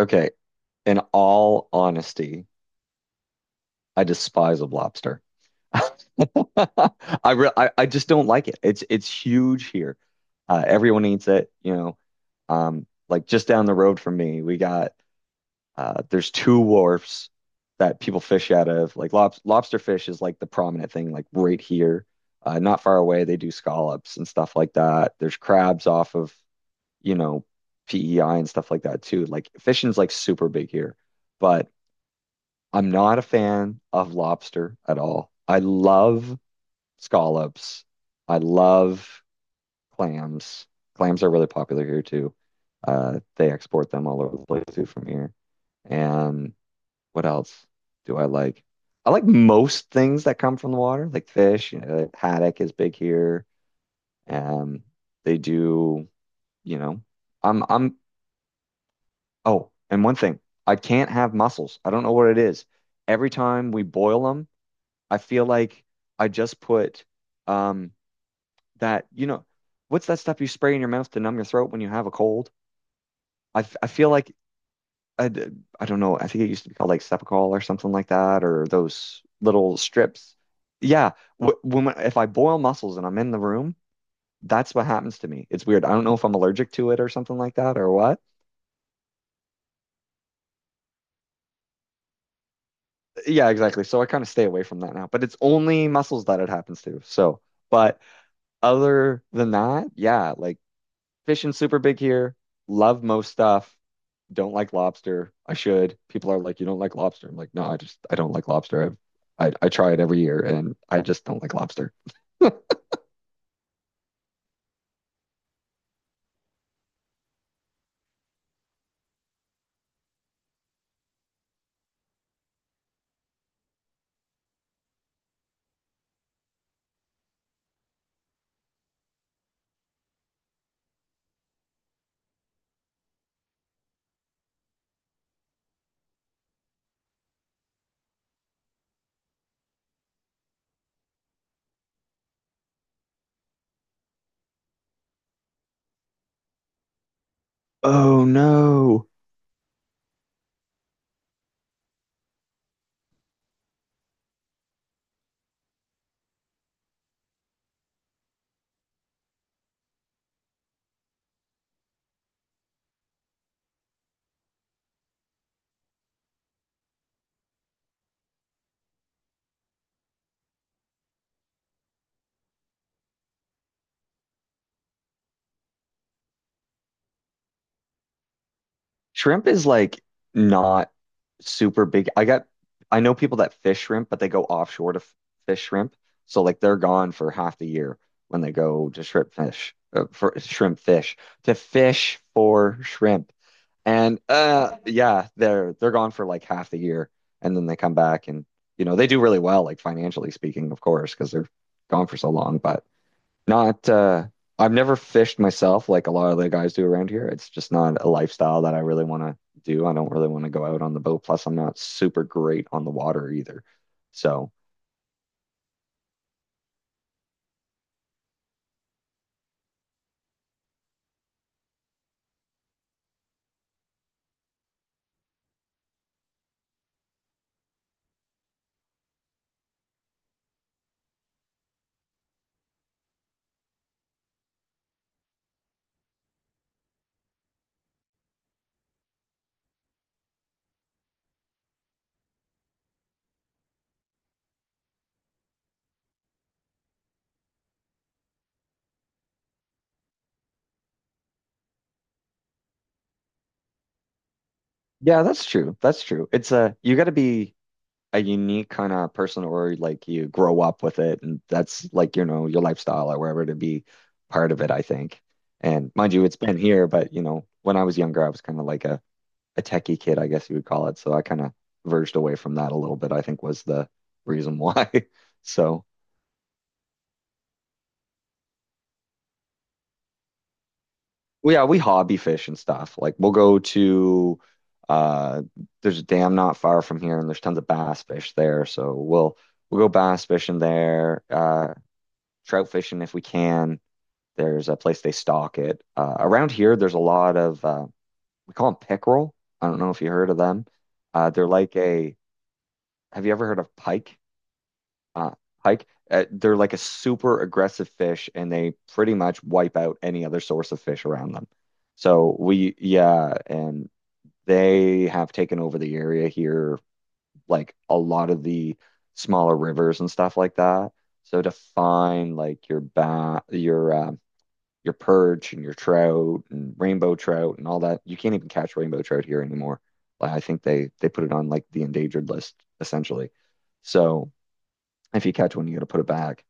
Okay, in all honesty, I despise a lobster. I, re I just don't like it. It's huge here. Everyone eats it, you know. Like just down the road from me, we got there's two wharfs that people fish out of. Like lobster fish is like the prominent thing, like right here, not far away. They do scallops and stuff like that. There's crabs off of you know PEI and stuff like that too. Like fishing's like super big here, but I'm not a fan of lobster at all. I love scallops. I love clams. Clams are really popular here too. They export them all over the place too from here. And what else do I like? I like most things that come from the water, like fish. You know, haddock is big here. Um, they do, you know, I'm, I'm, oh, and one thing, I can't have mussels. I don't know what it is. Every time we boil them, I feel like I just put um that, you know, what's that stuff you spray in your mouth to numb your throat when you have a cold? I feel like I, d- I don't know. I think it used to be called like Cepacol or something like that, or those little strips. Yeah, if I boil mussels and I'm in the room, that's what happens to me. It's weird. I don't know if I'm allergic to it or something like that or what. Yeah, exactly. So I kind of stay away from that now. But it's only muscles that it happens to. So, but other than that, yeah, like fishing super big here. Love most stuff. Don't like lobster. I should. People are like, you don't like lobster. I'm like, no, I just I don't like lobster. I try it every year and I just don't like lobster. Oh no. Shrimp is like not super big. I got I know people that fish shrimp, but they go offshore to f fish shrimp. So like they're gone for half the year when they go to shrimp fish to fish for shrimp. And yeah, they're gone for like half the year and then they come back and you know, they do really well like financially speaking, of course, because they're gone for so long, but not I've never fished myself like a lot of the guys do around here. It's just not a lifestyle that I really want to do. I don't really want to go out on the boat. Plus, I'm not super great on the water either. So, yeah, that's true. That's true. It's you got to be a unique kind of person, or like you grow up with it and that's like you know your lifestyle or wherever to be part of it I think, and mind you it's been here, but you know when I was younger I was kind of like a techie kid I guess you would call it, so I kind of verged away from that a little bit, I think was the reason why. So well, yeah, we hobby fish and stuff, like we'll go to uh there's a dam not far from here and there's tons of bass fish there, so we'll go bass fishing there, trout fishing if we can. There's a place they stock it. Around here, there's a lot of we call them pickerel. I don't know if you heard of them. They're like a. Have you ever heard of pike? Uh, Pike. They're like a super aggressive fish, and they pretty much wipe out any other source of fish around them. So we, yeah, and they have taken over the area here, like a lot of the smaller rivers and stuff like that. So to find like your perch and your trout and rainbow trout and all that. You can't even catch rainbow trout here anymore. Like, I think they put it on like the endangered list essentially. So if you catch one, you got to put it back.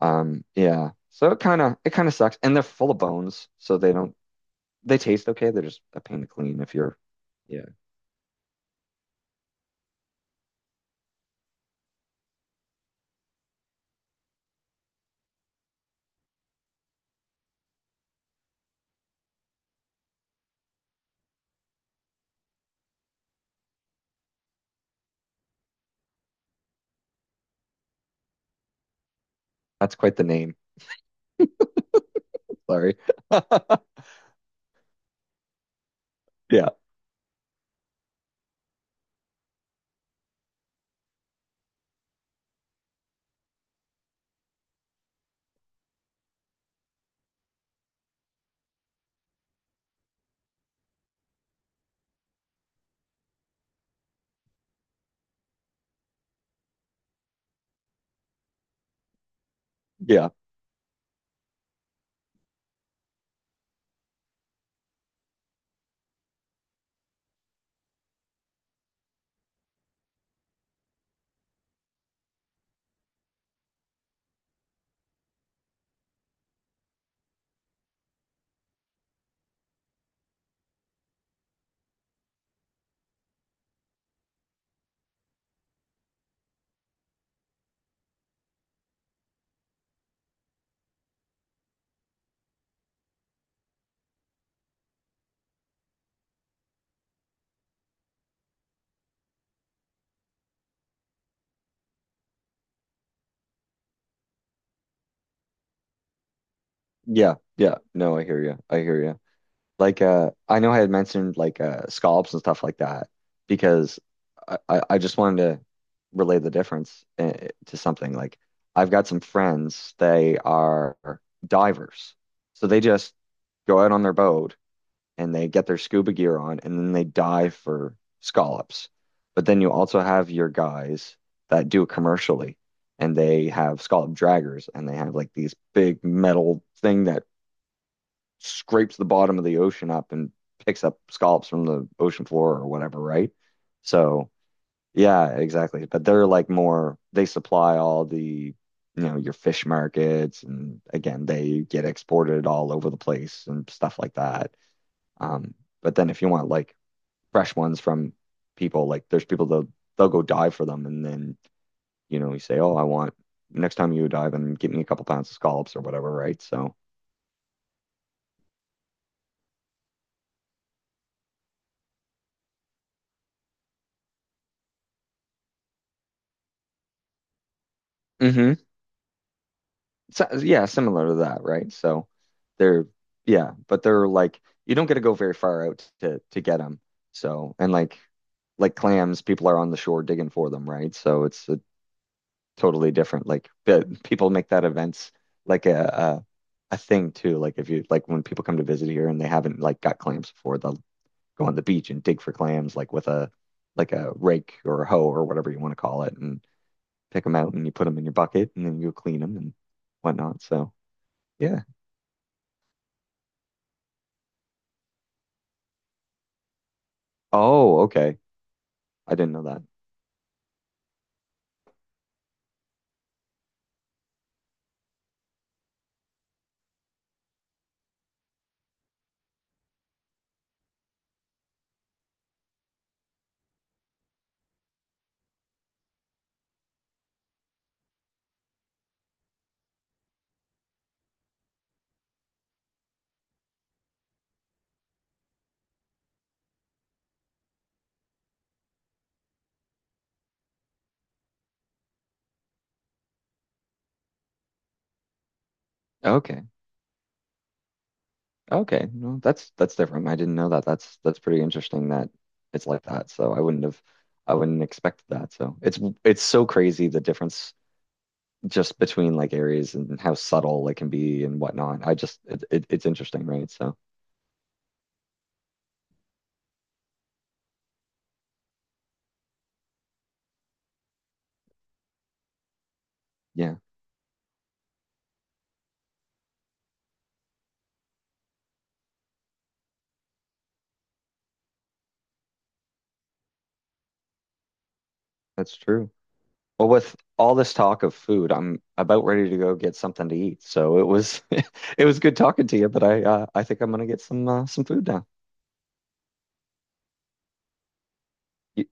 Yeah. So it kind of sucks, and they're full of bones, so they don't they taste okay. They're just a pain to clean if you're. Yeah, that's quite the name. Sorry. Yeah, yeah, yeah. No, I hear you. I hear you. Like I know I had mentioned like scallops and stuff like that because I just wanted to relay the difference, to something. Like I've got some friends, they are divers. So they just go out on their boat and they get their scuba gear on and then they dive for scallops. But then you also have your guys that do it commercially, and they have scallop draggers, and they have like these big metal thing that scrapes the bottom of the ocean up and picks up scallops from the ocean floor or whatever, right? So, yeah, exactly. But they're like more, they supply all the, you know, your fish markets. And again, they get exported all over the place and stuff like that. Um, but then if you want like fresh ones from people, like there's people that they'll go dive for them. And then, you know, you say, oh, I want next time you dive and get me a couple pounds of scallops or whatever, right? So, hmm. So, yeah, similar to that, right? So they're yeah, but they're like you don't get to go very far out to get them. So and like clams, people are on the shore digging for them, right? So it's a totally different. Like people make that events like a thing too. Like if you like when people come to visit here and they haven't like got clams before, they'll go on the beach and dig for clams like with a like a rake or a hoe or whatever you want to call it, and pick them out and you put them in your bucket and then you clean them and whatnot. So yeah. Oh, okay. I didn't know that. Okay. Okay. No, that's different. I didn't know that. That's pretty interesting that it's like that. So I wouldn't have I wouldn't expect that. So it's so crazy the difference just between like areas and how subtle it can be and whatnot. I just it, it's interesting, right? So yeah, that's true. Well, with all this talk of food, I'm about ready to go get something to eat. So it was it was good talking to you, but I think I'm gonna get some food now. You-